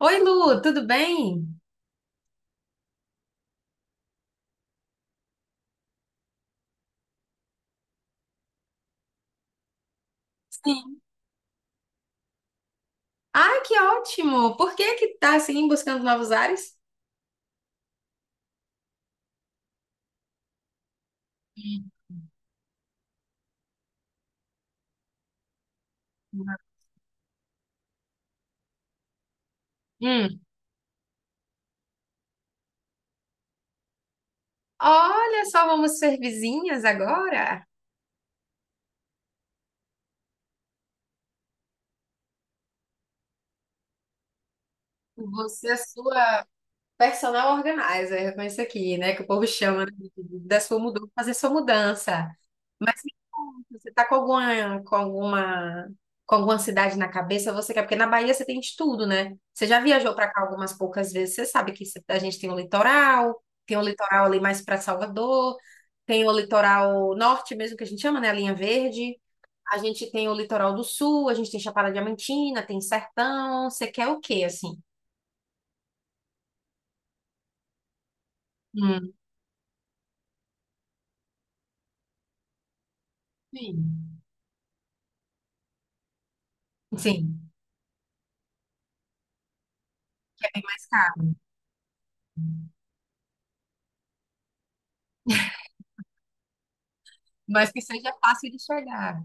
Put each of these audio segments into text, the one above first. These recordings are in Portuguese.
Oi, Lu, tudo bem? Sim. Ah, que ótimo! Por que que tá assim buscando novos ares? Hum. Hum. Olha só, vamos ser vizinhas agora? Você, a sua. Personal organizer, com isso aqui, né? Que o povo chama né, da sua mudança, fazer sua mudança. Mas me conta, você tá com alguma cidade na cabeça? Você quer? Porque na Bahia você tem de tudo, né? Você já viajou pra cá algumas poucas vezes. Você sabe que cê- a gente tem o litoral ali mais pra Salvador, tem o litoral norte mesmo que a gente chama, né? A linha verde. A gente tem o litoral do sul, a gente tem Chapada Diamantina, tem Sertão. Você quer o quê, assim? Hum, sim. Sim. É bem mais caro, mas que seja fácil de chegar.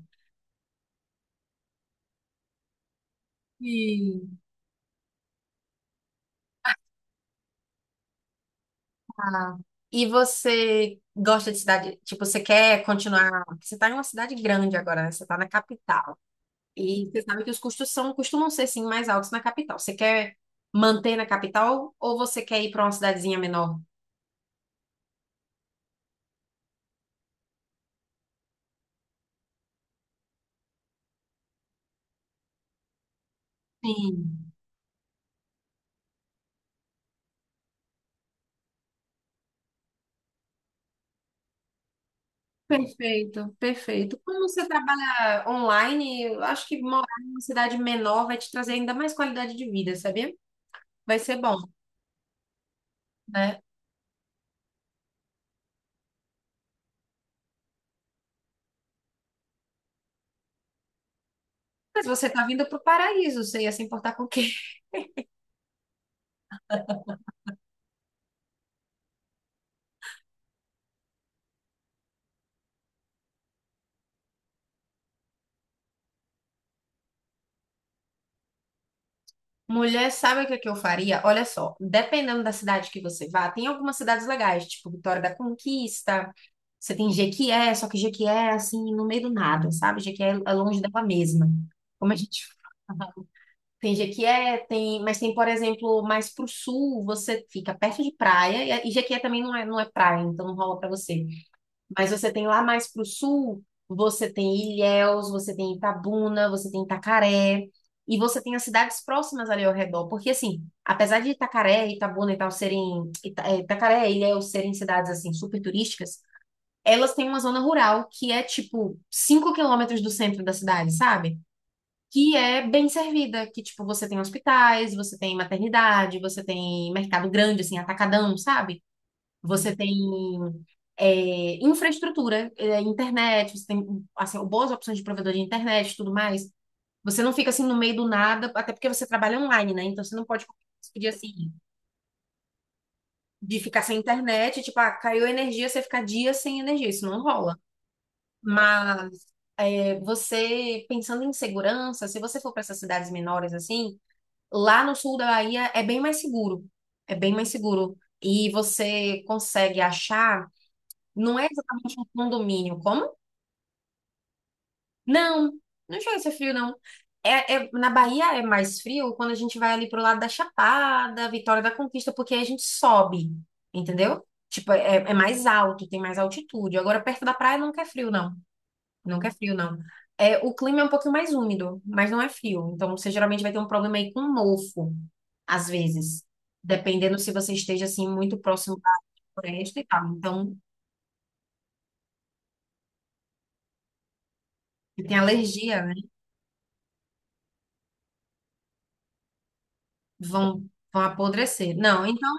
E, tá. E você gosta de cidade? Tipo, você quer continuar? Porque você está em uma cidade grande agora, né? Você está na capital. E você sabe que os custos são, costumam ser, sim, mais altos na capital. Você quer manter na capital ou você quer ir para uma cidadezinha menor? Sim, perfeito, perfeito. Como você trabalha online, eu acho que morar em uma cidade menor vai te trazer ainda mais qualidade de vida, sabia? Vai ser bom, né? Mas você tá vindo pro paraíso, você ia se importar com o quê? Mulher, sabe o que é que eu faria? Olha só, dependendo da cidade que você vá, tem algumas cidades legais, tipo Vitória da Conquista, você tem Jequié, só que Jequié é assim, no meio do nada, sabe? Jequié é longe dela mesma. Como a gente tem Jequié, tem, mas tem, por exemplo, mais pro sul, você fica perto de praia, e Jequié também não é, não é praia, então não rola pra você. Mas você tem lá mais para o sul, você tem Ilhéus, você tem Itabuna, você tem Itacaré, e você tem as cidades próximas ali ao redor. Porque, assim, apesar de Itacaré, Itabuna e tal serem. Itacaré e Ilhéus serem cidades, assim, super turísticas, elas têm uma zona rural que é, tipo, 5 km do centro da cidade, sabe? Que é bem servida, que, tipo, você tem hospitais, você tem maternidade, você tem mercado grande, assim, atacadão, sabe? Você tem é, infraestrutura, é, internet, você tem assim, boas opções de provedor de internet e tudo mais. Você não fica assim no meio do nada, até porque você trabalha online, né? Então você não pode se pedir assim de ficar sem internet, tipo, ah, caiu a energia, você fica dias sem energia, isso não rola. Mas é, você pensando em segurança, se você for para essas cidades menores assim, lá no sul da Bahia é bem mais seguro. É bem mais seguro. E você consegue achar. Não é exatamente um condomínio. Como? Não, não chega a ser frio, não. É, é- na Bahia é mais frio quando a gente vai ali pro lado da Chapada, Vitória da Conquista, porque aí a gente sobe, entendeu? Tipo, é, é mais alto, tem mais altitude. Agora, perto da praia nunca é frio, não. Nunca é frio, não. É, o clima é um pouquinho mais úmido, mas não é frio. Então, você geralmente vai ter um problema aí com mofo, às vezes. Dependendo se você esteja, assim, muito próximo da floresta e tal. Então, se tem alergia, vão, vão apodrecer. Não, então,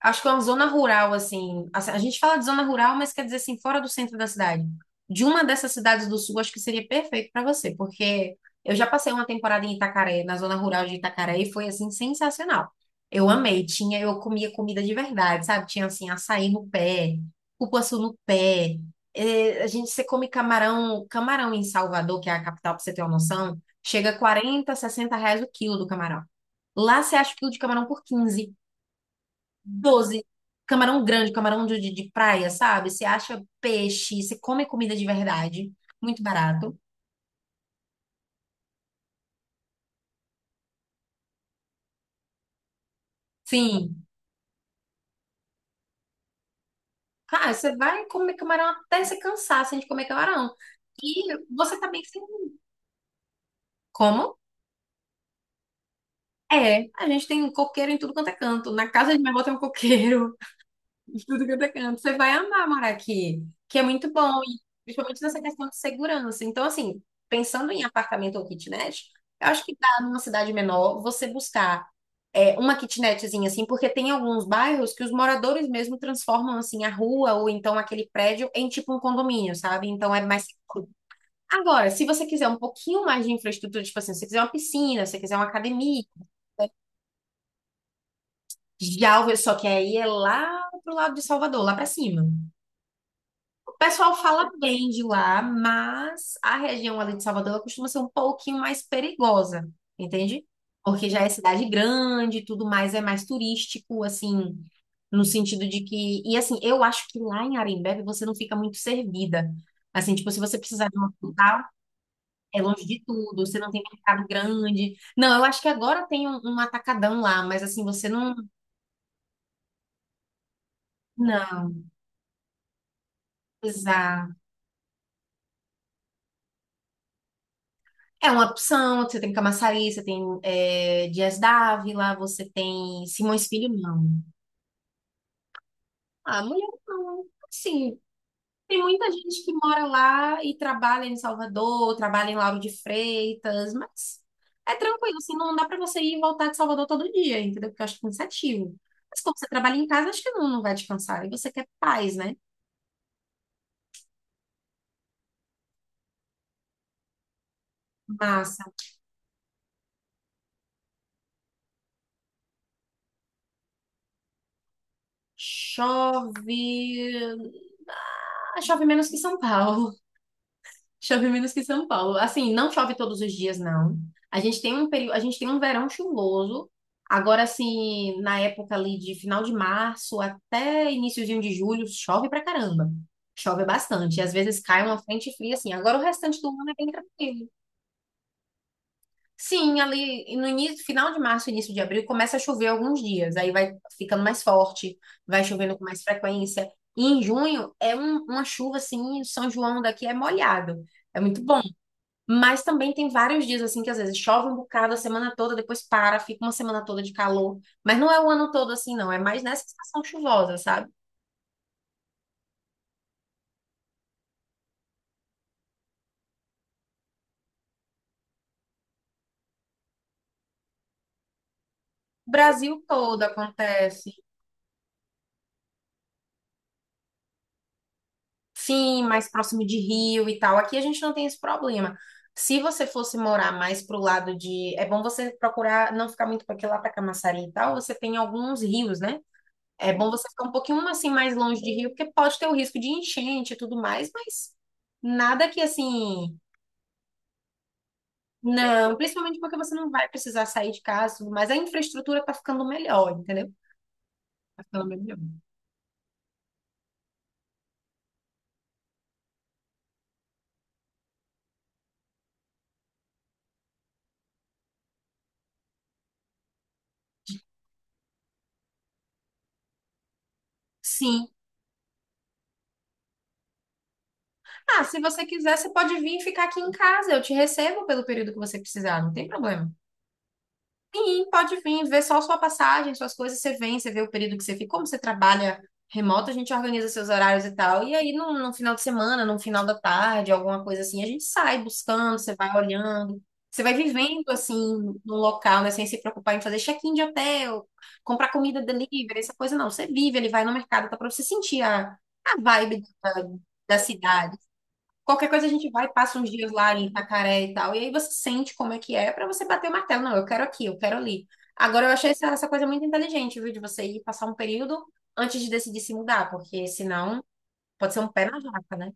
acho que é uma zona rural, assim, assim, a gente fala de zona rural, mas quer dizer, assim, fora do centro da cidade. De uma dessas cidades do sul, acho que seria perfeito para você, porque eu já passei uma temporada em Itacaré, na zona rural de Itacaré, e foi, assim, sensacional. Eu amei, tinha, eu comia comida de verdade, sabe? Tinha, assim, açaí no pé, cupuaçu no pé, eh, a gente, você come camarão, camarão em Salvador, que é a capital, pra você ter uma noção, chega a 40, 60 reais o quilo do camarão. Lá você acha o quilo de camarão por 15, 12. Camarão grande, camarão de praia, sabe? Você acha peixe, você come comida de verdade, muito barato. Sim, cara, você vai comer camarão até você cansar assim, de comer camarão. E você também tem. Como? É, a gente tem coqueiro em tudo quanto é canto. Na casa de minha avó tem um coqueiro. De tudo que é canto, você vai amar morar aqui, que é muito bom, e principalmente nessa questão de segurança. Então, assim, pensando em apartamento ou kitnet, eu acho que dá numa cidade menor você buscar é, uma kitnetzinha, assim, porque tem alguns bairros que os moradores mesmo transformam, assim, a rua ou então aquele prédio em tipo um condomínio, sabe? Então é mais seguro. Agora, se você quiser um pouquinho mais de infraestrutura, tipo assim, se você quiser uma piscina, se você quiser uma academia. Já, só que aí é lá pro lado de Salvador, lá pra cima. O pessoal fala bem de lá, mas a região ali de Salvador ela costuma ser um pouquinho mais perigosa, entende? Porque já é cidade grande, tudo mais é mais turístico, assim, no sentido de que. E assim, eu acho que lá em Arembebe você não fica muito servida. Assim, tipo, se você precisar de um hospital, é longe de tudo, você não tem mercado grande. Não, eu acho que agora tem um, um atacadão lá, mas assim, você não. Não, exato. É uma opção, você tem Camaçari, você tem é, Dias Dávila, você tem Simões Filho, não. Ah, mulher não. Assim, tem muita gente que mora lá e trabalha em Salvador, trabalha em Lauro de Freitas, mas é tranquilo, assim, não dá pra você ir e voltar de Salvador todo dia, entendeu? Porque eu acho cansativo. Mas como você trabalha em casa, acho que não, não vai te cansar. E você quer paz, né? Massa. Chove. Ah, chove menos que São Paulo. Chove menos que São Paulo. Assim, não chove todos os dias, não. A gente tem um período, a gente tem um verão chuvoso. Agora, assim, na época ali de final de março até iniciozinho de julho, chove pra caramba. Chove bastante. Às vezes cai uma frente fria, assim. Agora o restante do ano é bem tranquilo. Sim, ali no início, final de março, início de abril, começa a chover alguns dias. Aí vai ficando mais forte, vai chovendo com mais frequência. E em junho é uma chuva assim, São João daqui é molhado. É muito bom. Mas também tem vários dias assim que às vezes chove um bocado a semana toda, depois para, fica uma semana toda de calor. Mas não é o ano todo assim, não. É mais nessa estação chuvosa, sabe? Brasil todo acontece. Sim, mais próximo de Rio e tal. Aqui a gente não tem esse problema. Se você fosse morar mais pro lado de. É bom você procurar não ficar muito para aquele lá para Camaçari e tal. Você tem alguns rios, né? É bom você ficar um pouquinho um, assim mais longe de Rio, porque pode ter o risco de enchente e tudo mais, mas nada que assim. Não, principalmente porque você não vai precisar sair de casa, e tudo mais a infraestrutura tá ficando melhor, entendeu? Tá ficando melhor. Sim. Ah, se você quiser, você pode vir ficar aqui em casa. Eu te recebo pelo período que você precisar, não tem problema. Sim, pode vir, ver só sua passagem, suas coisas, você vem, você vê o período que você fica, como você trabalha remoto, a gente organiza seus horários e tal. E aí, num, num final de semana, num final da tarde, alguma coisa assim, a gente sai buscando, você vai olhando, você vai vivendo assim no local, né? Sem se preocupar em fazer check-in de hotel, comprar comida delivery, essa coisa não. Você vive, ele vai no mercado, tá pra você sentir a vibe da, da cidade. Qualquer coisa a gente vai, passa uns dias lá em Itacaré e tal. E aí você sente como é que é pra você bater o martelo. Não, eu quero aqui, eu quero ali. Agora eu achei essa, essa coisa muito inteligente, viu? De você ir passar um período antes de decidir se mudar, porque senão pode ser um pé na jaca, né?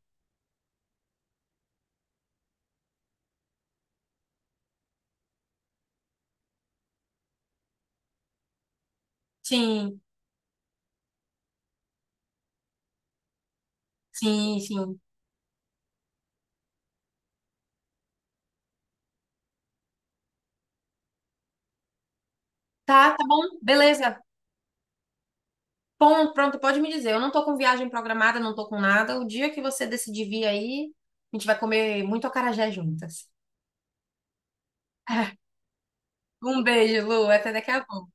Sim, sim, sim. Tá, tá bom, beleza. Bom, pronto, pode me dizer. Eu não tô com viagem programada, não tô com nada. O dia que você decidir vir aí, a gente vai comer muito acarajé juntas. Um beijo, Lu. Até daqui a pouco.